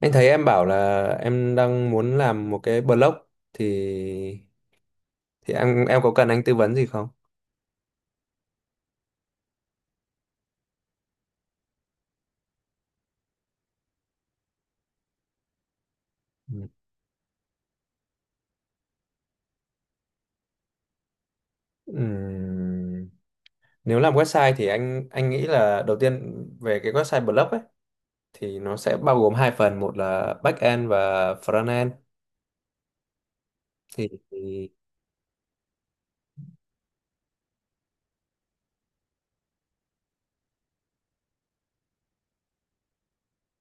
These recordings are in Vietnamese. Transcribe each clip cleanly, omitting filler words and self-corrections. Anh thấy em bảo là em đang muốn làm một cái blog thì thì em có cần anh tư vấn gì không? Ừ. Ừm, Nếu làm website thì anh nghĩ là đầu tiên về cái website blog ấy thì nó sẽ bao gồm hai phần, một là back end và front end. Thì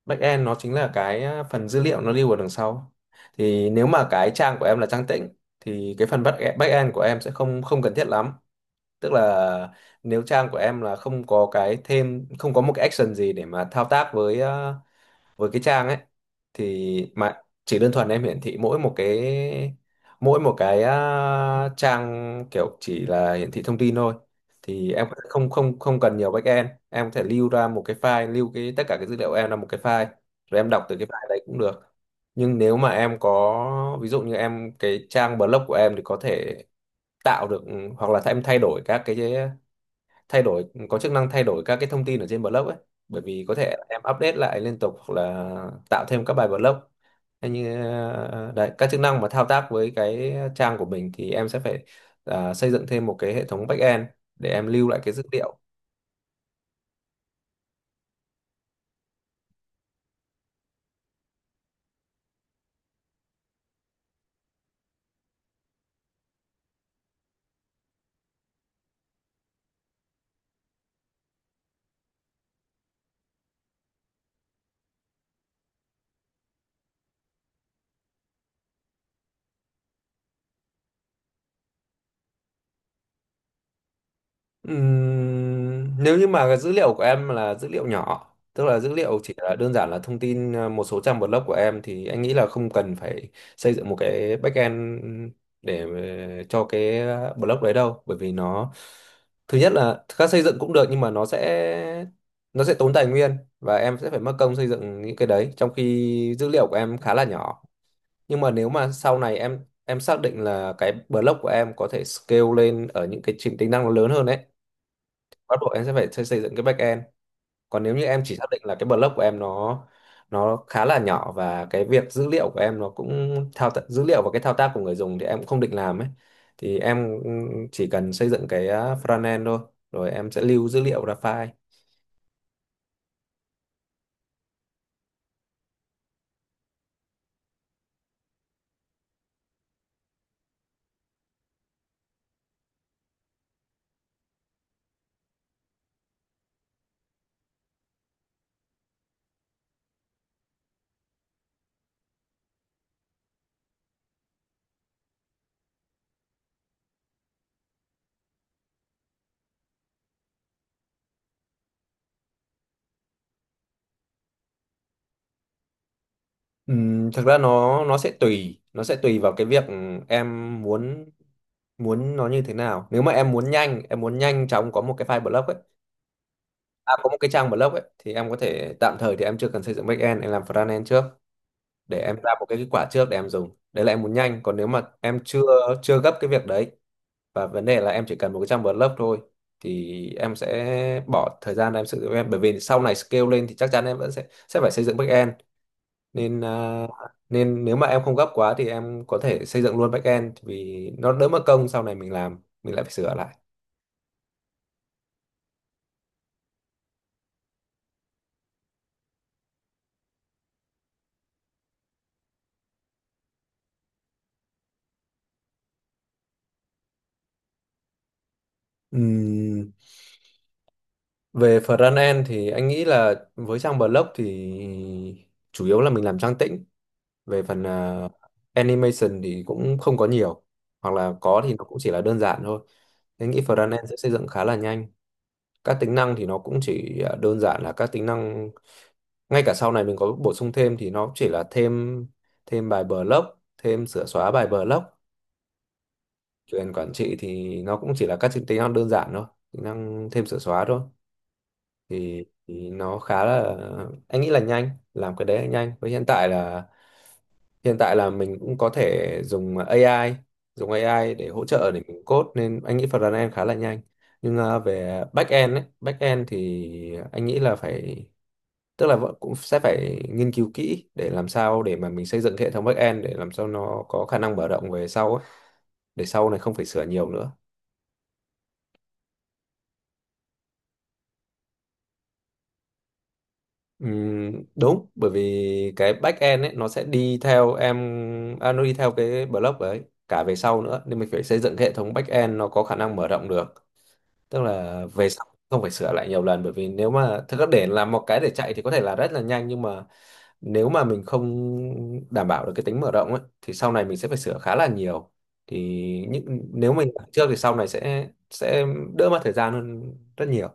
back end nó chính là cái phần dữ liệu nó lưu ở đằng sau. Thì nếu mà cái trang của em là trang tĩnh thì cái phần back end của em sẽ không không cần thiết lắm, tức là nếu trang của em là không có cái thêm, không có một cái action gì để mà thao tác với với cái trang ấy, thì mà chỉ đơn thuần em hiển thị mỗi một cái trang kiểu chỉ là hiển thị thông tin thôi, thì em có thể không không không cần nhiều backend, em có thể lưu ra một cái file lưu cái tất cả cái dữ liệu em là một cái file, rồi em đọc từ cái file đấy cũng được. Nhưng nếu mà em có ví dụ như em cái trang blog của em thì có thể tạo được, hoặc là em thay đổi có chức năng thay đổi các cái thông tin ở trên blog ấy, bởi vì có thể em update lại liên tục hoặc là tạo thêm các bài blog. Thế như đấy, các chức năng mà thao tác với cái trang của mình thì em sẽ phải, xây dựng thêm một cái hệ thống backend để em lưu lại cái dữ liệu. Nếu như mà cái dữ liệu của em là dữ liệu nhỏ, tức là dữ liệu chỉ là đơn giản là thông tin, một số trang blog của em thì anh nghĩ là không cần phải xây dựng một cái backend để cho cái blog đấy đâu, bởi vì nó thứ nhất là các xây dựng cũng được nhưng mà nó sẽ tốn tài nguyên và em sẽ phải mất công xây dựng những cái đấy trong khi dữ liệu của em khá là nhỏ. Nhưng mà nếu mà sau này em xác định là cái blog của em có thể scale lên ở những cái trình tính năng nó lớn hơn ấy, bắt buộc em sẽ phải xây xây dựng cái backend. Còn nếu như em chỉ xác định là cái blog của em nó khá là nhỏ và cái việc dữ liệu của em nó cũng thao tác dữ liệu và cái thao tác của người dùng thì em cũng không định làm ấy, thì em chỉ cần xây dựng cái frontend thôi, rồi em sẽ lưu dữ liệu ra file. Thực ra nó sẽ tùy vào cái việc em muốn, nó như thế nào. Nếu mà em muốn nhanh chóng có một cái file blog ấy, có một cái trang blog ấy, thì em có thể tạm thời thì em chưa cần xây dựng backend, em làm frontend trước để em ra một cái kết quả trước để em dùng, đấy là em muốn nhanh. Còn nếu mà em chưa chưa gấp cái việc đấy và vấn đề là em chỉ cần một cái trang word lớp thôi thì em sẽ bỏ thời gian em sử dụng em, bởi vì sau này scale lên thì chắc chắn em vẫn sẽ phải xây dựng backend, nên à, nên nếu mà em không gấp quá thì em có thể xây dựng luôn backend vì nó đỡ mất công sau này mình làm mình lại phải sửa lại. Ừm, Về front end thì anh nghĩ là với trang blog thì chủ yếu là mình làm trang tĩnh, về phần animation thì cũng không có nhiều, hoặc là có thì nó cũng chỉ là đơn giản thôi. Thế nghĩ frontend sẽ xây dựng khá là nhanh. Các tính năng thì nó cũng chỉ đơn giản là các tính năng, ngay cả sau này mình có bổ sung thêm thì nó chỉ là thêm, bài block, thêm sửa xóa bài block. Quyền quản trị thì nó cũng chỉ là các tính năng đơn giản thôi, tính năng thêm sửa xóa thôi. Thì nó khá là, anh nghĩ là nhanh, làm cái đấy nhanh. Với hiện tại là mình cũng có thể dùng AI dùng AI để hỗ trợ để mình code, nên anh nghĩ front end khá là nhanh, nhưng về back end ấy, back end thì anh nghĩ là phải, tức là vẫn cũng sẽ phải nghiên cứu kỹ để làm sao để mà mình xây dựng cái hệ thống back end để làm sao nó có khả năng mở rộng về sau ấy, để sau này không phải sửa nhiều nữa. Đúng, bởi vì cái back end ấy nó sẽ đi theo em, nó đi theo cái block ấy cả về sau nữa, nên mình phải xây dựng cái hệ thống back end nó có khả năng mở rộng được, tức là về sau không phải sửa lại nhiều lần, bởi vì nếu mà thực ra để làm một cái để chạy thì có thể là rất là nhanh, nhưng mà nếu mà mình không đảm bảo được cái tính mở rộng ấy thì sau này mình sẽ phải sửa khá là nhiều, thì những nếu mình làm trước thì sau này sẽ đỡ mất thời gian hơn rất nhiều.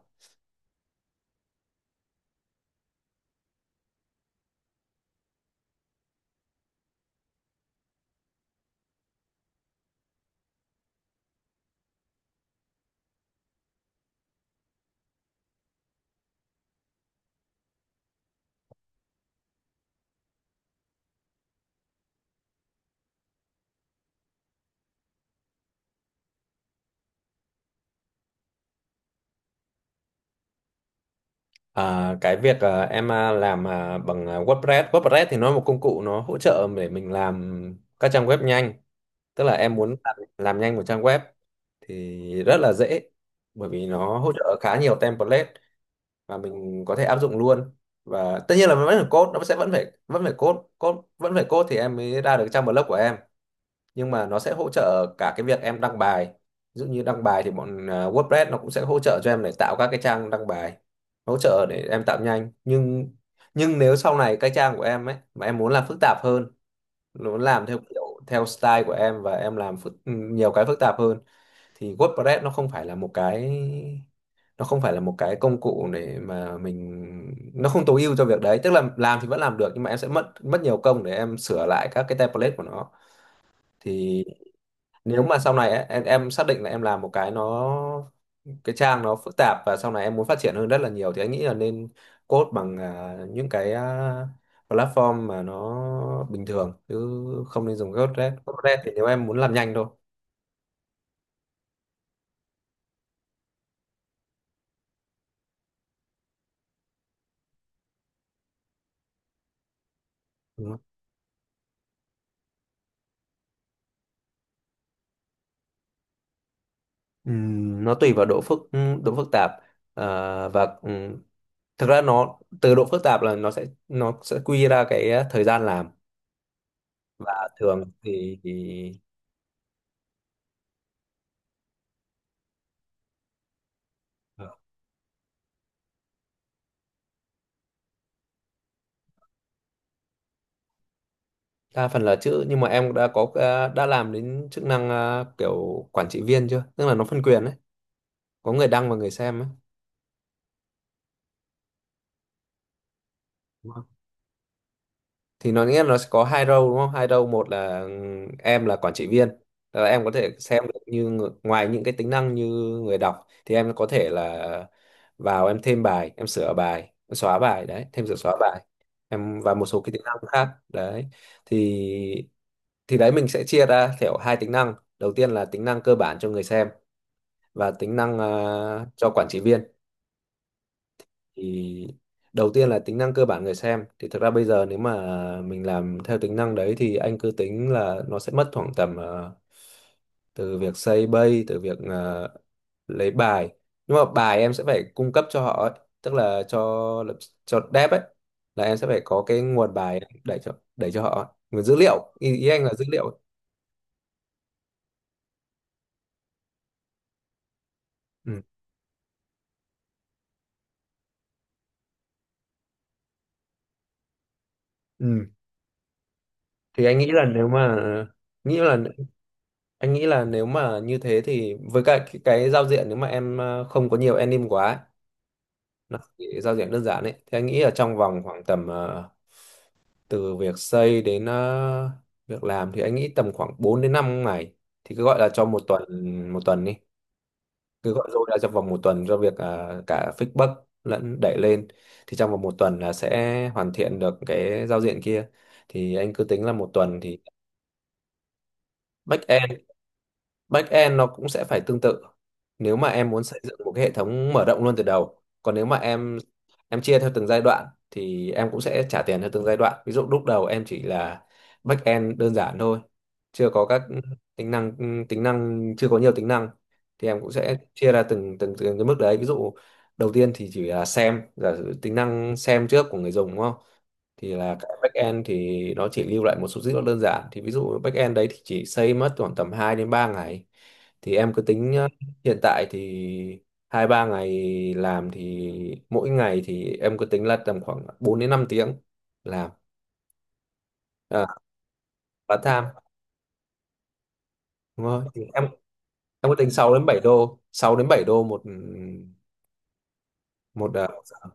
Cái việc, em, làm, bằng, WordPress WordPress thì nó là một công cụ nó hỗ trợ để mình làm các trang web nhanh, tức là em muốn làm nhanh một trang web thì rất là dễ, bởi vì nó hỗ trợ khá nhiều template và mình có thể áp dụng luôn, và tất nhiên là vẫn phải code, nó sẽ vẫn phải code code vẫn phải code thì em mới ra được trang blog của em, nhưng mà nó sẽ hỗ trợ cả cái việc em đăng bài, ví dụ như đăng bài thì bọn WordPress nó cũng sẽ hỗ trợ cho em để tạo các cái trang đăng bài, hỗ trợ để em tạo nhanh, nhưng nếu sau này cái trang của em ấy mà em muốn làm phức tạp hơn, muốn làm theo kiểu theo style của em và em nhiều cái phức tạp hơn, thì WordPress nó không phải là một cái công cụ để mà mình, nó không tối ưu cho việc đấy, tức là làm thì vẫn làm được nhưng mà em sẽ mất mất nhiều công để em sửa lại các cái template của nó. Thì nếu mà sau này ấy, em xác định là em làm một cái nó cái trang nó phức tạp và sau này em muốn phát triển hơn rất là nhiều, thì anh nghĩ là nên code bằng, những cái, platform mà nó bình thường chứ không nên dùng Code-Red. Code-Red thì nếu em muốn làm nhanh thôi. Đúng không? Nó tùy vào độ phức tạp, à, và thực ra nó từ độ phức tạp là nó sẽ quy ra cái, thời gian làm, và thường thì, đa phần là chữ, nhưng mà em đã có, đã làm đến chức năng, kiểu quản trị viên chưa? Tức là nó phân quyền đấy, có người đăng và người xem ấy, thì nó nghĩa là nó sẽ có hai role, đúng không? Hai role, một là, em là quản trị viên. Tức là em có thể xem được như ngoài những cái tính năng như người đọc thì em có thể là vào, em thêm bài, em sửa bài, em xóa bài đấy, thêm sửa xóa bài, em và một số cái tính năng khác đấy. Thì thì đấy, mình sẽ chia ra theo hai tính năng, đầu tiên là tính năng cơ bản cho người xem, và tính năng cho quản trị viên. Thì đầu tiên là tính năng cơ bản người xem, thì thực ra bây giờ nếu mà mình làm theo tính năng đấy thì anh cứ tính là nó sẽ mất khoảng tầm, từ việc xây bay từ việc, lấy bài. Nhưng mà bài em sẽ phải cung cấp cho họ ấy, tức là cho, dev ấy, là em sẽ phải có cái nguồn bài đẩy cho, đẩy cho họ ấy. Nguồn dữ liệu, ý anh là dữ liệu ấy. Ừ. Ừ. thì anh nghĩ là nếu mà nghĩ là Anh nghĩ là nếu mà như thế thì với cả cái giao diện nếu mà em, không có nhiều anim quá ấy, nó chỉ giao diện đơn giản ấy thì anh nghĩ là trong vòng khoảng tầm, từ việc xây đến, việc làm, thì anh nghĩ tầm khoảng 4 đến 5 ngày, thì cứ gọi là cho một tuần đi, cứ gọi rồi ra trong vòng một tuần cho việc, cả fixbox lẫn đẩy lên, thì trong vòng một tuần là sẽ hoàn thiện được cái giao diện kia, thì anh cứ tính là một tuần. Thì backend. Backend nó cũng sẽ phải tương tự. Nếu mà em muốn xây dựng một cái hệ thống mở rộng luôn từ đầu, còn nếu mà em chia theo từng giai đoạn thì em cũng sẽ trả tiền theo từng giai đoạn. Ví dụ lúc đầu em chỉ là backend đơn giản thôi, chưa có các tính năng, chưa có nhiều tính năng, thì em cũng sẽ chia ra từng từng từng cái mức đấy. Ví dụ đầu tiên thì chỉ là xem, giả sử tính năng xem trước của người dùng, đúng không? Thì là cái backend thì nó chỉ lưu lại một số dữ liệu đơn giản, thì ví dụ backend đấy thì chỉ xây mất khoảng tầm 2 đến 3 ngày. Thì em cứ tính, hiện tại thì hai ba ngày làm, thì mỗi ngày thì em cứ tính là tầm khoảng 4 đến 5 tiếng làm, à, part time, đúng không? Thì em cứ tính 6 đến 7 đô một một, ờ, một giờ.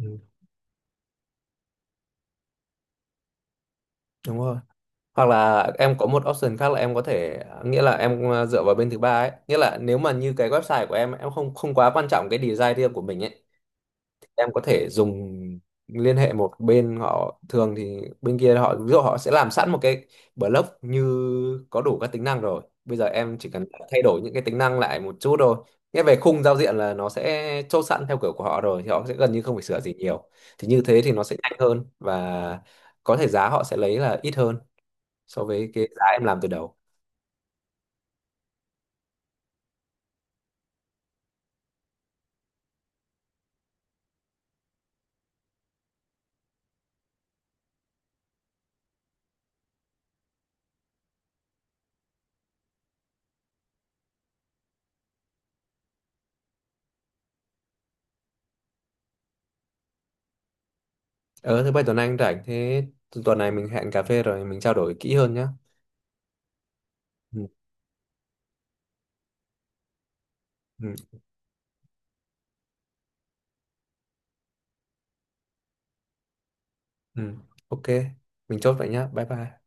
Ừ, đúng rồi, hoặc là em có một option khác là em có thể, nghĩa là em, dựa vào bên thứ ba ấy, nghĩa là nếu mà như cái website của em không không quá quan trọng cái design riêng của mình ấy, thì em có thể dùng, liên hệ một bên họ, thường thì bên kia họ ví dụ họ sẽ làm sẵn một cái blog như có đủ các tính năng rồi, bây giờ em chỉ cần thay đổi những cái tính năng lại một chút thôi. Nghĩa về khung giao diện là nó sẽ chốt sẵn theo kiểu của họ rồi thì họ sẽ gần như không phải sửa gì nhiều, thì như thế thì nó sẽ nhanh hơn, và có thể giá họ sẽ lấy là ít hơn so với cái giá em làm từ đầu. Ờ Thứ bảy tuần anh rảnh, thế tuần này mình hẹn cà phê rồi mình trao đổi kỹ hơn nhá. Ừ, ừ, ừ. Ok, mình chốt vậy nhá. Bye bye.